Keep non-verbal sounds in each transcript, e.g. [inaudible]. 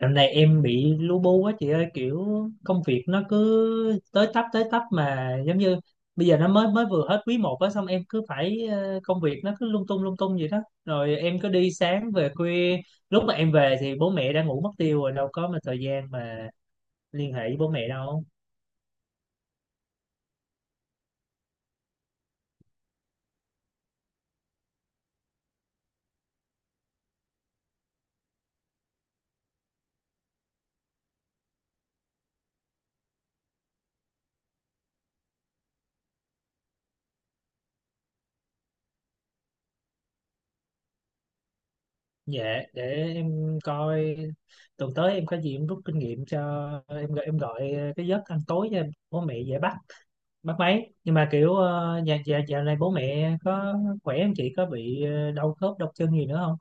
Dạo này em bị lu bu quá chị ơi, kiểu công việc nó cứ tới tấp tới tấp, mà giống như bây giờ nó mới mới vừa hết quý một á. Xong em cứ phải, công việc nó cứ lung tung vậy đó. Rồi em cứ đi sáng về khuya, lúc mà em về thì bố mẹ đã ngủ mất tiêu rồi, đâu có mà thời gian mà liên hệ với bố mẹ đâu. Dạ, để em coi tuần tới em có gì, em rút kinh nghiệm cho em gọi cái giấc ăn tối cho bố mẹ dễ bắt mất mấy. Nhưng mà kiểu, dạ dạ, dạo này bố mẹ có khỏe không chị? Có bị đau khớp đau chân gì nữa không?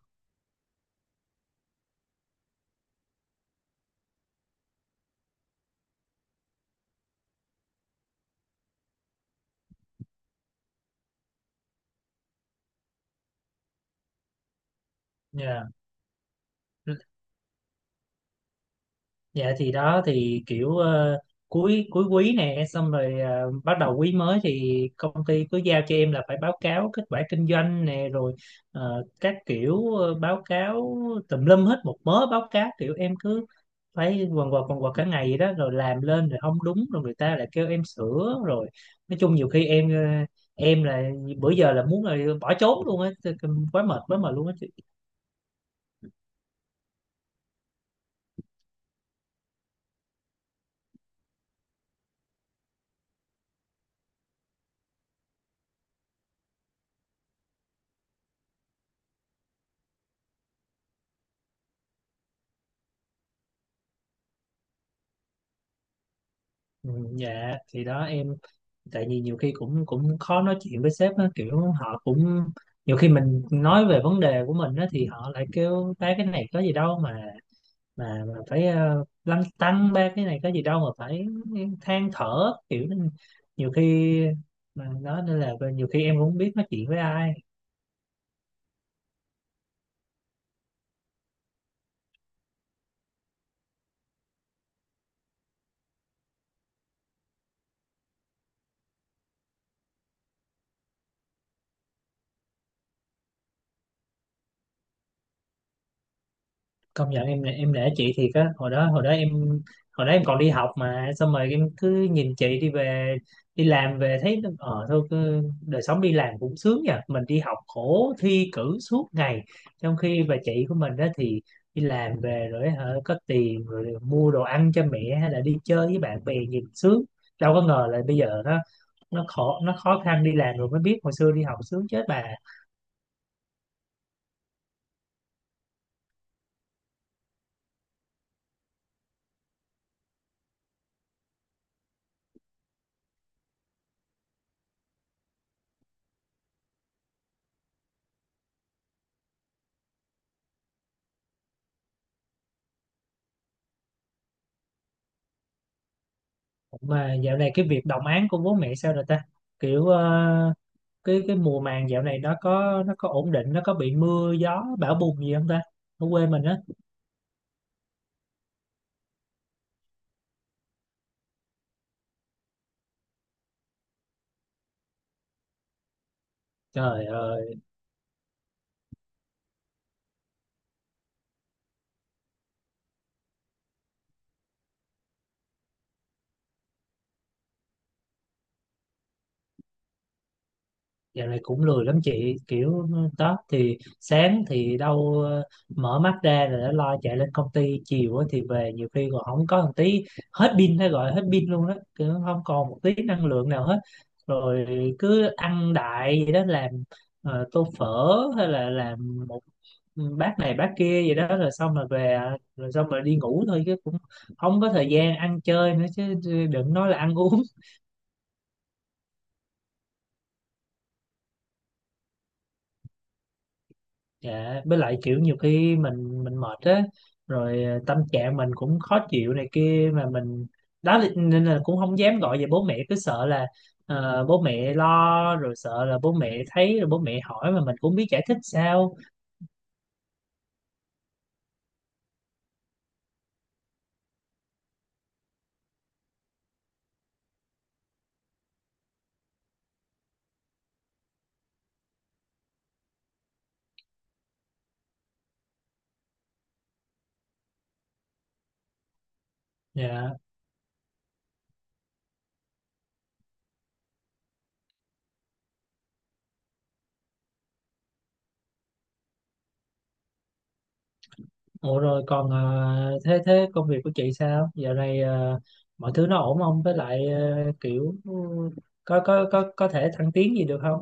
Dạ dạ, thì đó thì kiểu, cuối cuối quý nè, xong rồi bắt đầu quý mới thì công ty cứ giao cho em là phải báo cáo kết quả kinh doanh nè. Rồi các kiểu, báo cáo tùm lum hết một mớ báo cáo, kiểu em cứ phải quần quật cả ngày vậy đó. Rồi làm lên rồi không đúng, rồi người ta lại kêu em sửa. Rồi nói chung nhiều khi em là, bữa giờ là muốn là bỏ trốn luôn á, tức là quá mệt luôn á chị. Ừ, dạ thì đó em, tại vì nhiều khi cũng cũng khó nói chuyện với sếp á, kiểu họ cũng, nhiều khi mình nói về vấn đề của mình á thì họ lại kêu ta cái này có gì đâu mà mà phải, lăn tăn ba cái này có gì đâu mà phải than thở, kiểu nên nhiều khi mà nói, nên là nhiều khi em cũng không biết nói chuyện với ai. Công nhận em nể chị thiệt á. Hồi đó em còn đi học, mà xong rồi em cứ nhìn chị đi về đi làm về thấy thôi cứ, đời sống đi làm cũng sướng nha. Mình đi học khổ thi cử suốt ngày, trong khi bà chị của mình đó thì đi làm về rồi hả, có tiền rồi mua đồ ăn cho mẹ hay là đi chơi với bạn bè nhìn sướng. Đâu có ngờ là bây giờ nó khó khăn, đi làm rồi mới biết hồi xưa đi học sướng chết bà. Mà dạo này cái việc đồng áng của bố mẹ sao rồi ta? Kiểu cái mùa màng dạo này nó có ổn định, nó có bị mưa gió bão bùng gì không ta? Ở quê mình á. Trời ơi. Dạo này cũng lười lắm chị. Kiểu đó thì sáng thì đâu, mở mắt ra rồi đã lo chạy lên công ty, chiều á thì về nhiều khi còn không có một tí, hết pin hay gọi hết pin luôn đó, kiểu không còn một tí năng lượng nào hết. Rồi cứ ăn đại vậy đó, làm tô phở hay là làm một, bát này bát kia vậy đó. Rồi xong rồi về, rồi xong rồi đi ngủ thôi, chứ cũng không có thời gian ăn chơi nữa chứ, đừng nói là ăn uống. Dạ, với lại kiểu nhiều khi mình mệt á, rồi tâm trạng mình cũng khó chịu này kia, mà mình nên là cũng không dám gọi về bố mẹ, cứ sợ là bố mẹ lo, rồi sợ là bố mẹ thấy rồi bố mẹ hỏi mà mình cũng biết giải thích sao. Dạ. Ủa rồi còn thế thế công việc của chị sao? Dạo này mọi thứ nó ổn không? Với lại kiểu, có thể thăng tiến gì được không?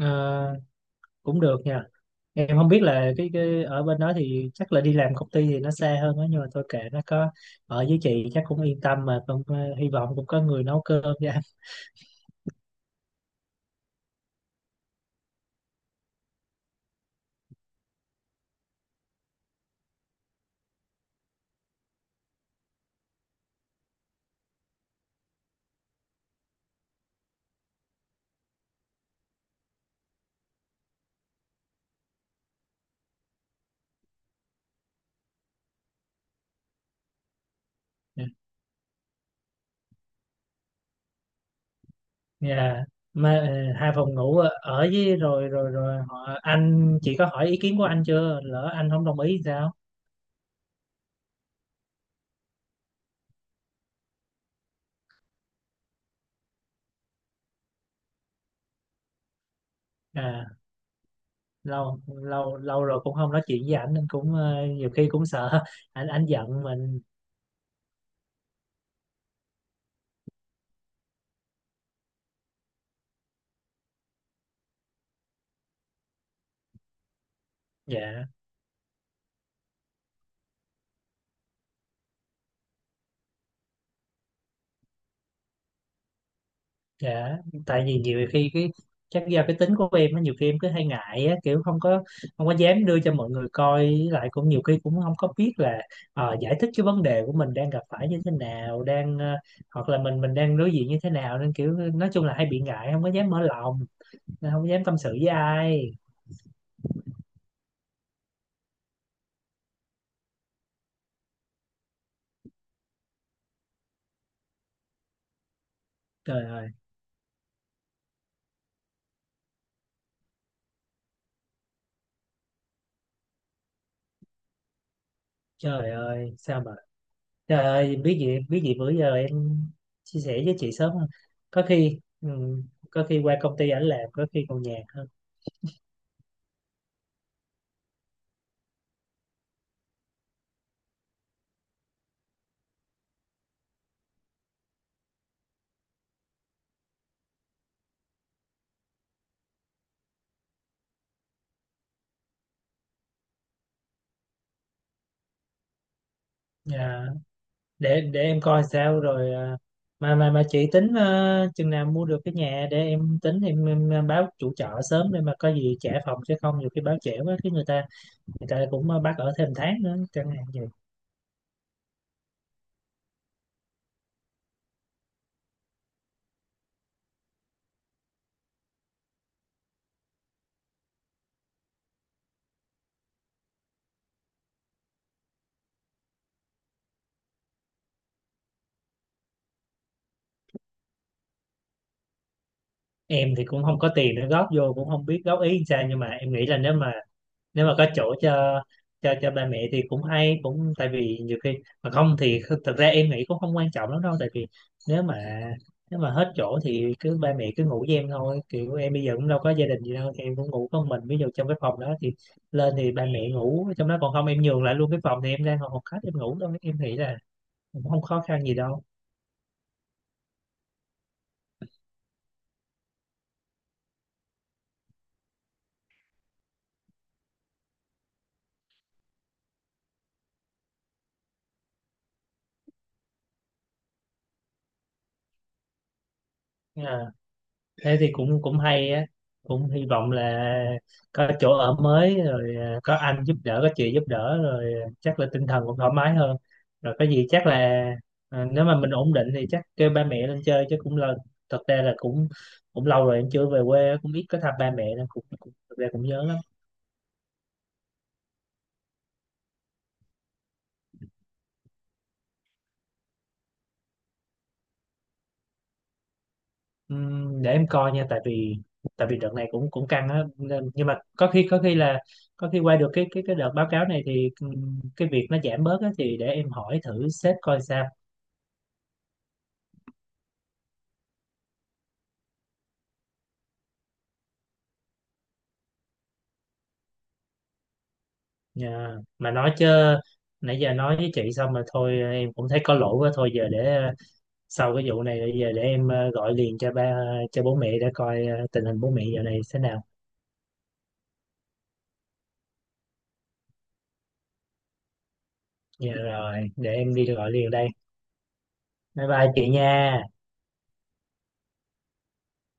Ờ, cũng được nha. Em không biết là cái ở bên đó thì chắc là đi làm công ty thì nó xa hơn đó, nhưng mà thôi kệ, nó có ở với chị chắc cũng yên tâm, mà cũng hy vọng cũng có người nấu cơm cho anh. Nhà mà hai phòng ngủ ở ở với, rồi rồi rồi họ, anh chị có hỏi ý kiến của anh chưa, lỡ anh không đồng ý thì sao? À, lâu lâu lâu rồi cũng không nói chuyện với ảnh nên cũng nhiều khi cũng sợ [laughs] anh giận mình. Dạ. Dạ, tại vì nhiều khi cái, chắc do cái tính của em á, nhiều khi em cứ hay ngại á, kiểu không có, không có dám đưa cho mọi người coi, với lại cũng nhiều khi cũng không có biết là giải thích cái vấn đề của mình đang gặp phải như thế nào, hoặc là mình đang đối diện như thế nào, nên kiểu nói chung là hay bị ngại, không có dám mở lòng, không dám tâm sự với ai. Trời ơi, trời ơi, sao mà trời ơi, biết gì bữa giờ em chia sẻ với chị sớm hơn. Có khi, có khi qua công ty ảnh làm, có khi còn nhàn hơn. Dạ. Để em coi sao rồi, mà mà chị tính chừng nào mua được cái nhà để em tính, em báo chủ trọ sớm để mà có gì trả phòng, chứ không nhiều khi báo trễ quá cái người ta, người ta cũng bắt ở thêm tháng nữa chẳng hạn vậy. Em thì cũng không có tiền để góp vô, cũng không biết góp ý làm sao, nhưng mà em nghĩ là nếu mà có chỗ cho ba mẹ thì cũng hay cũng, tại vì nhiều khi mà không thì thật ra em nghĩ cũng không quan trọng lắm đâu. Tại vì nếu mà nếu mà hết chỗ thì cứ ba mẹ cứ ngủ với em thôi, kiểu em bây giờ cũng đâu có gia đình gì đâu, thì em cũng ngủ con mình ví dụ trong cái phòng đó thì lên thì ba mẹ ngủ trong đó, còn không em nhường lại luôn cái phòng thì em ra ngồi phòng khách em ngủ thôi, em nghĩ là cũng không khó khăn gì đâu. Dạ. Thế thì cũng cũng hay á, cũng hy vọng là có chỗ ở mới rồi, có anh giúp đỡ có chị giúp đỡ rồi, chắc là tinh thần cũng thoải mái hơn, rồi có gì chắc là, nếu mà mình ổn định thì chắc kêu ba mẹ lên chơi chứ. Cũng là, thật ra là cũng, cũng, lâu rồi em chưa về quê, cũng ít có thăm ba mẹ nên cũng thật ra cũng nhớ lắm. Để em coi nha, tại vì đợt này cũng cũng căng á nên, nhưng mà có khi qua được cái đợt báo cáo này thì, cái việc nó giảm bớt á, thì để em hỏi thử sếp coi sao. Dạ. Mà nói chứ, nãy giờ nói với chị xong mà thôi em cũng thấy có lỗi quá. Thôi giờ để sau cái vụ này rồi, giờ để em gọi liền cho bố mẹ để coi tình hình bố mẹ giờ này thế nào. Dạ rồi, để em đi gọi liền đây. Bye bye chị nha.